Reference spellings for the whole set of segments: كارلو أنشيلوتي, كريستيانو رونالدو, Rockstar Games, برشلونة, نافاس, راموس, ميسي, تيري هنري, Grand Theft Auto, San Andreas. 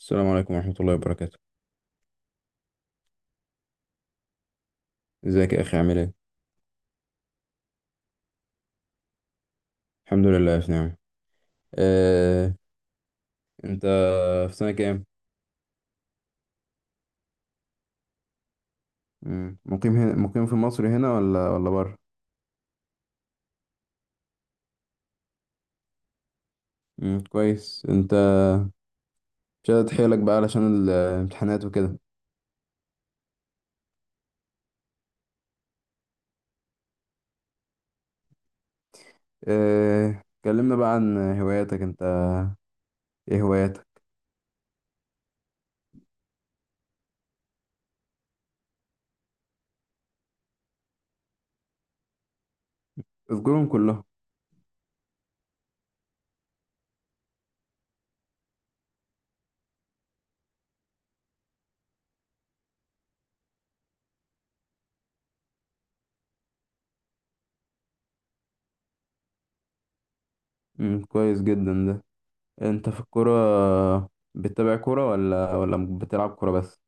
السلام عليكم ورحمة الله وبركاته. ازيك يا أخي، عامل ايه؟ الحمد لله في نعمة. آه، أنت في سنة كام؟ مقيم في مصر هنا ولا بره؟ كويس. أنت مش قادر حيلك بقى علشان الامتحانات وكده. كلمنا بقى عن هواياتك. أنت ايه هواياتك؟ اذكرهم كلهم. كويس جدا ده. أنت في الكورة بتتابع كورة ولا بتلعب كورة بس؟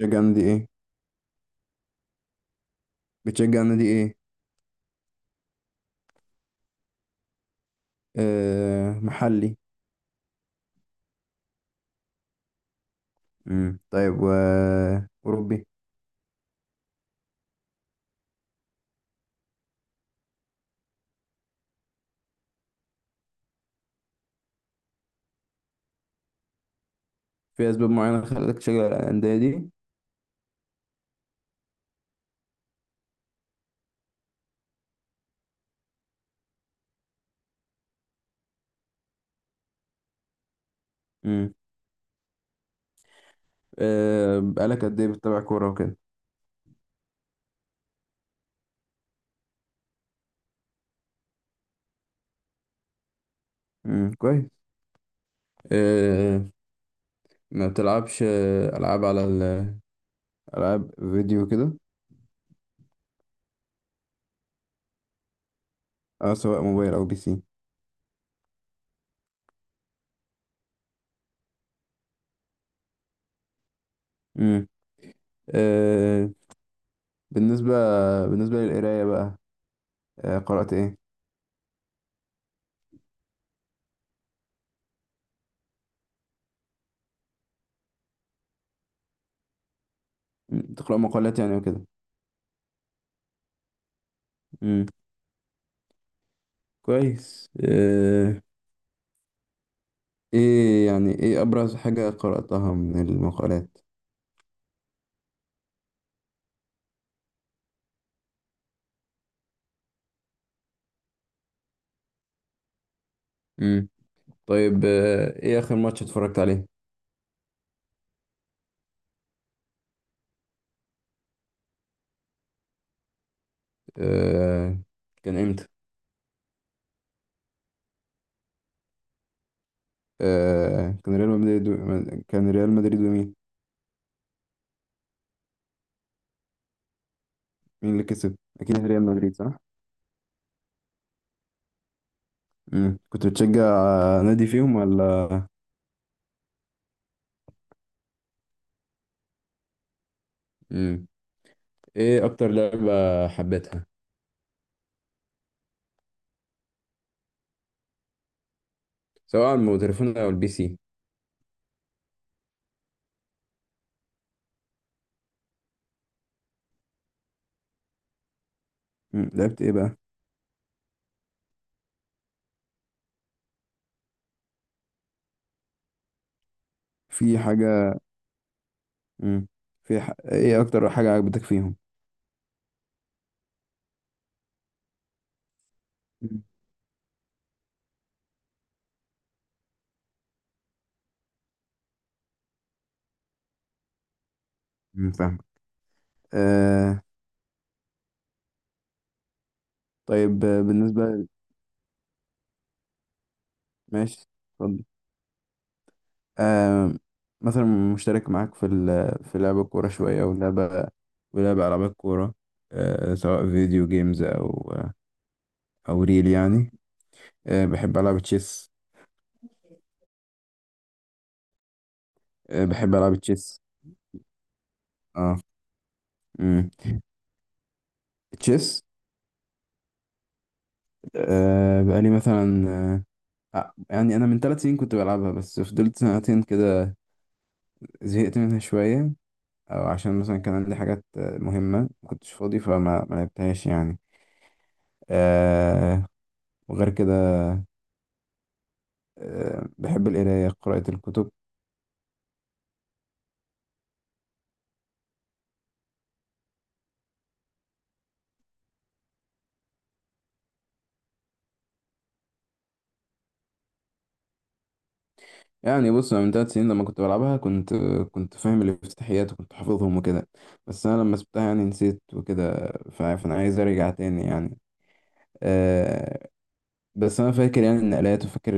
بتشجع نادي ايه؟ بتشجع نادي ايه؟ آه، محلي. امم، طيب. و أوروبي؟ في أسباب معينة خلتك تشجع الأندية دي؟ امم. آه، بقالك قد إيه بتتابع كورة وكده؟ امم، كويس. آه. ما بتلعبش ألعاب على ألعاب فيديو كده؟ أه، سواء موبايل أو بي سي. امم. آه. بالنسبة بالنسبة للقراية بقى، آه، قرأت إيه؟ تقرأ مقالات يعني وكده؟ امم، كويس. آه، إيه أبرز حاجة قرأتها من المقالات؟ طيب، ايه اخر ماتش اتفرجت عليه؟ آه، كان امتى؟ كان ريال مدريد ومين؟ مين اللي كسب؟ اكيد ريال مدريد، صح؟ امم، كنت بتشجع نادي فيهم ولا؟ امم. ايه اكتر لعبة حبيتها؟ سواء على التليفون او البي سي. امم، لعبت ايه بقى؟ في حاجة امم، ايه اكتر حاجة عجبتك فيهم؟ امم، فاهم. آه... طيب، آه، بالنسبة ماشي، اتفضل. آه مثلا مشترك معاك في في لعب الكورة شوية ولعب ألعاب الكورة، آه، سواء فيديو جيمز أو ريل يعني. آه، بحب ألعب تشيس. آه، بحب ألعب تشيس. اه. امم، تشيس. آه بقالي مثلا آه آه، يعني أنا من 3 سنين كنت بلعبها، بس فضلت سنتين كده زهقت منها شوية. أو عشان مثلا كان عندي حاجات مهمة مكنتش فاضي، فما ما لعبتهاش يعني. آه، وغير كده، بحب القراية، قراءة الكتب. يعني بص، أنا من 3 سنين لما كنت بلعبها كنت فاهم الافتتاحيات وكنت حافظهم وكده، بس أنا لما سبتها يعني نسيت وكده، فأنا عايز أرجع تاني يعني. آه، بس أنا فاكر يعني النقلات وفاكر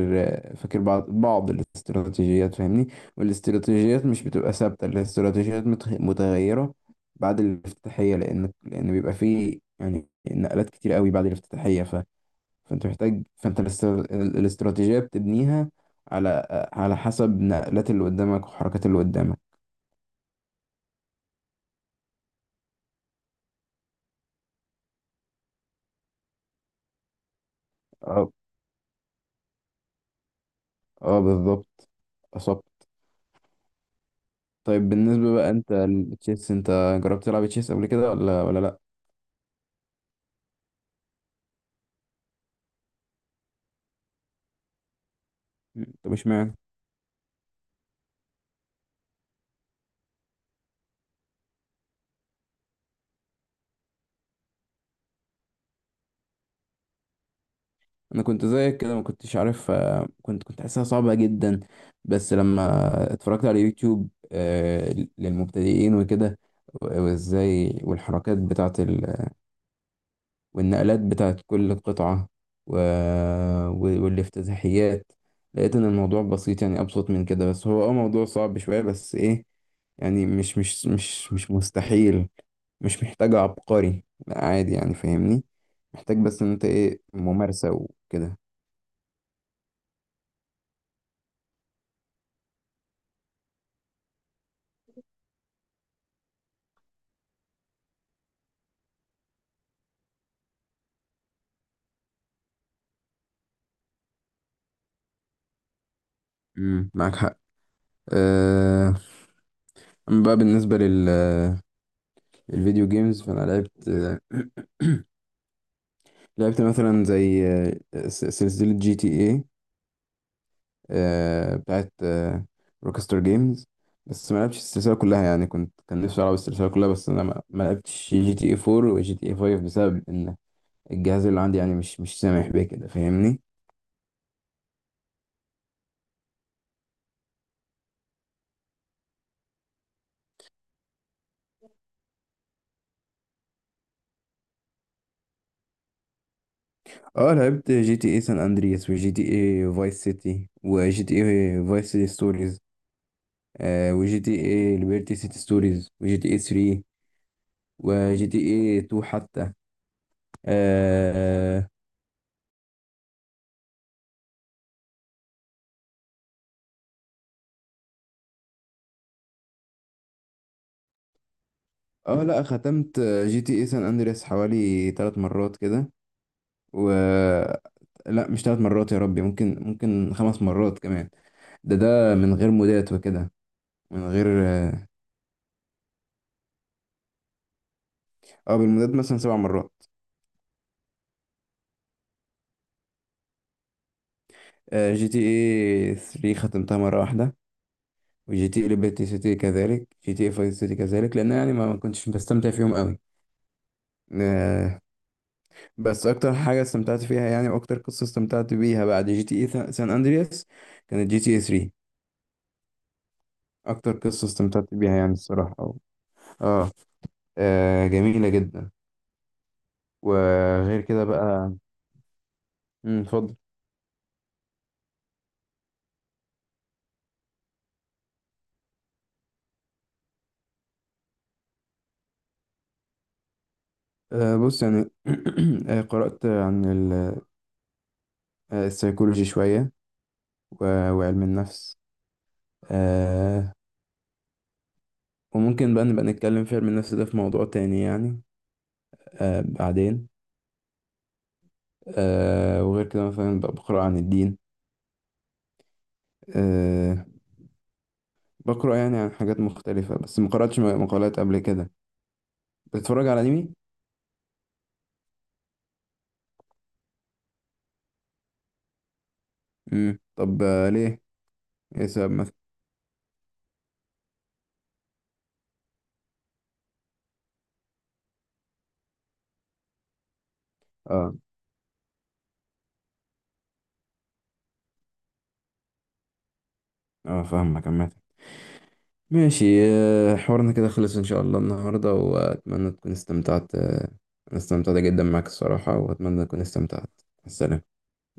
فاكر بعض الاستراتيجيات فاهمني. والاستراتيجيات مش بتبقى ثابتة، الاستراتيجيات متغيرة بعد الافتتاحية، لأن بيبقى فيه يعني نقلات كتير قوي بعد الافتتاحية. فانت محتاج، فانت الاستراتيجية بتبنيها على حسب نقلات اللي قدامك وحركات اللي قدامك. اه. اه، بالظبط، اصبت. طيب بالنسبة بقى انت التشيس، انت جربت تلعب تشيس قبل كده ولا لا؟ طب اشمعنى؟ انا كنت زيك كده ما كنتش عارف. كنت حاسسها صعبة جدا. بس لما اتفرجت على يوتيوب للمبتدئين وكده، وازاي، والحركات بتاعة والنقلات بتاعت كل قطعة، و... والافتتاحيات، لقيت إن الموضوع بسيط، يعني أبسط من كده. بس هو موضوع صعب شوية بس إيه، يعني مش مستحيل. مش محتاج عبقري، لا عادي يعني فاهمني. محتاج بس إن أنت إيه ممارسة وكده. امم، معاك حق. أه... أما بقى بالنسبة الفيديو جيمز فأنا لعبت. لعبت مثلا زي سلسلة جي تي اي، بتاعت روكستر جيمز، بس ما لعبتش السلسلة كلها. يعني كان نفسي ألعب السلسلة كلها، بس أنا ما لعبتش جي تي اي 4 وجي تي اي 5 بسبب إن الجهاز اللي عندي يعني مش سامح بيه كده فاهمني. اه، لعبت جي تي اي سان أندرياس وجي تي اي فايس سيتي وجي تي اي فايس سيتي ستوريز، وجي تي اي ليبرتي سيتي ستوريز وجي تي اي 3 وجي تي اي 2 حتى. اه. لا، ختمت جي تي اي سان أندرياس حوالي 3 مرات كده. و لا، مش 3 مرات، يا ربي، ممكن 5 مرات كمان. ده من غير مودات وكده، من غير آه، بالمودات مثلا 7 مرات. جي تي اي 3 ختمتها مرة واحدة. وجي تي اي ليبرتي سيتي كذلك، جي تي اي 5 سيتي كذلك، لان يعني ما كنتش بستمتع فيهم قوي. آه، بس اكتر حاجة استمتعت فيها، يعني واكتر قصة استمتعت بيها بعد جي تي اي سان اندرياس كانت جي تي اي 3. اكتر قصة استمتعت بيها يعني الصراحة اه. جميلة جدا. وغير كده بقى. مم، اتفضل. بص يعني. قرأت عن السيكولوجي شوية وعلم النفس. آه، وممكن بقى نبقى نتكلم في علم النفس ده في موضوع تاني يعني، بعدين. وغير كده مثلا بقى بقرأ عن الدين. آه، بقرأ يعني عن حاجات مختلفة، بس ما قرأتش مقالات قبل كده. بتتفرج على أنمي؟ مم. طب ليه؟ إيه السبب مثلا؟ اه. اه، فاهمك عامة. ماشي. آه، حوارنا كده خلص ان شاء الله النهارده، واتمنى تكون استمتعت. انا استمتعت جدا معك الصراحة، واتمنى تكون استمتعت. مع السلامة.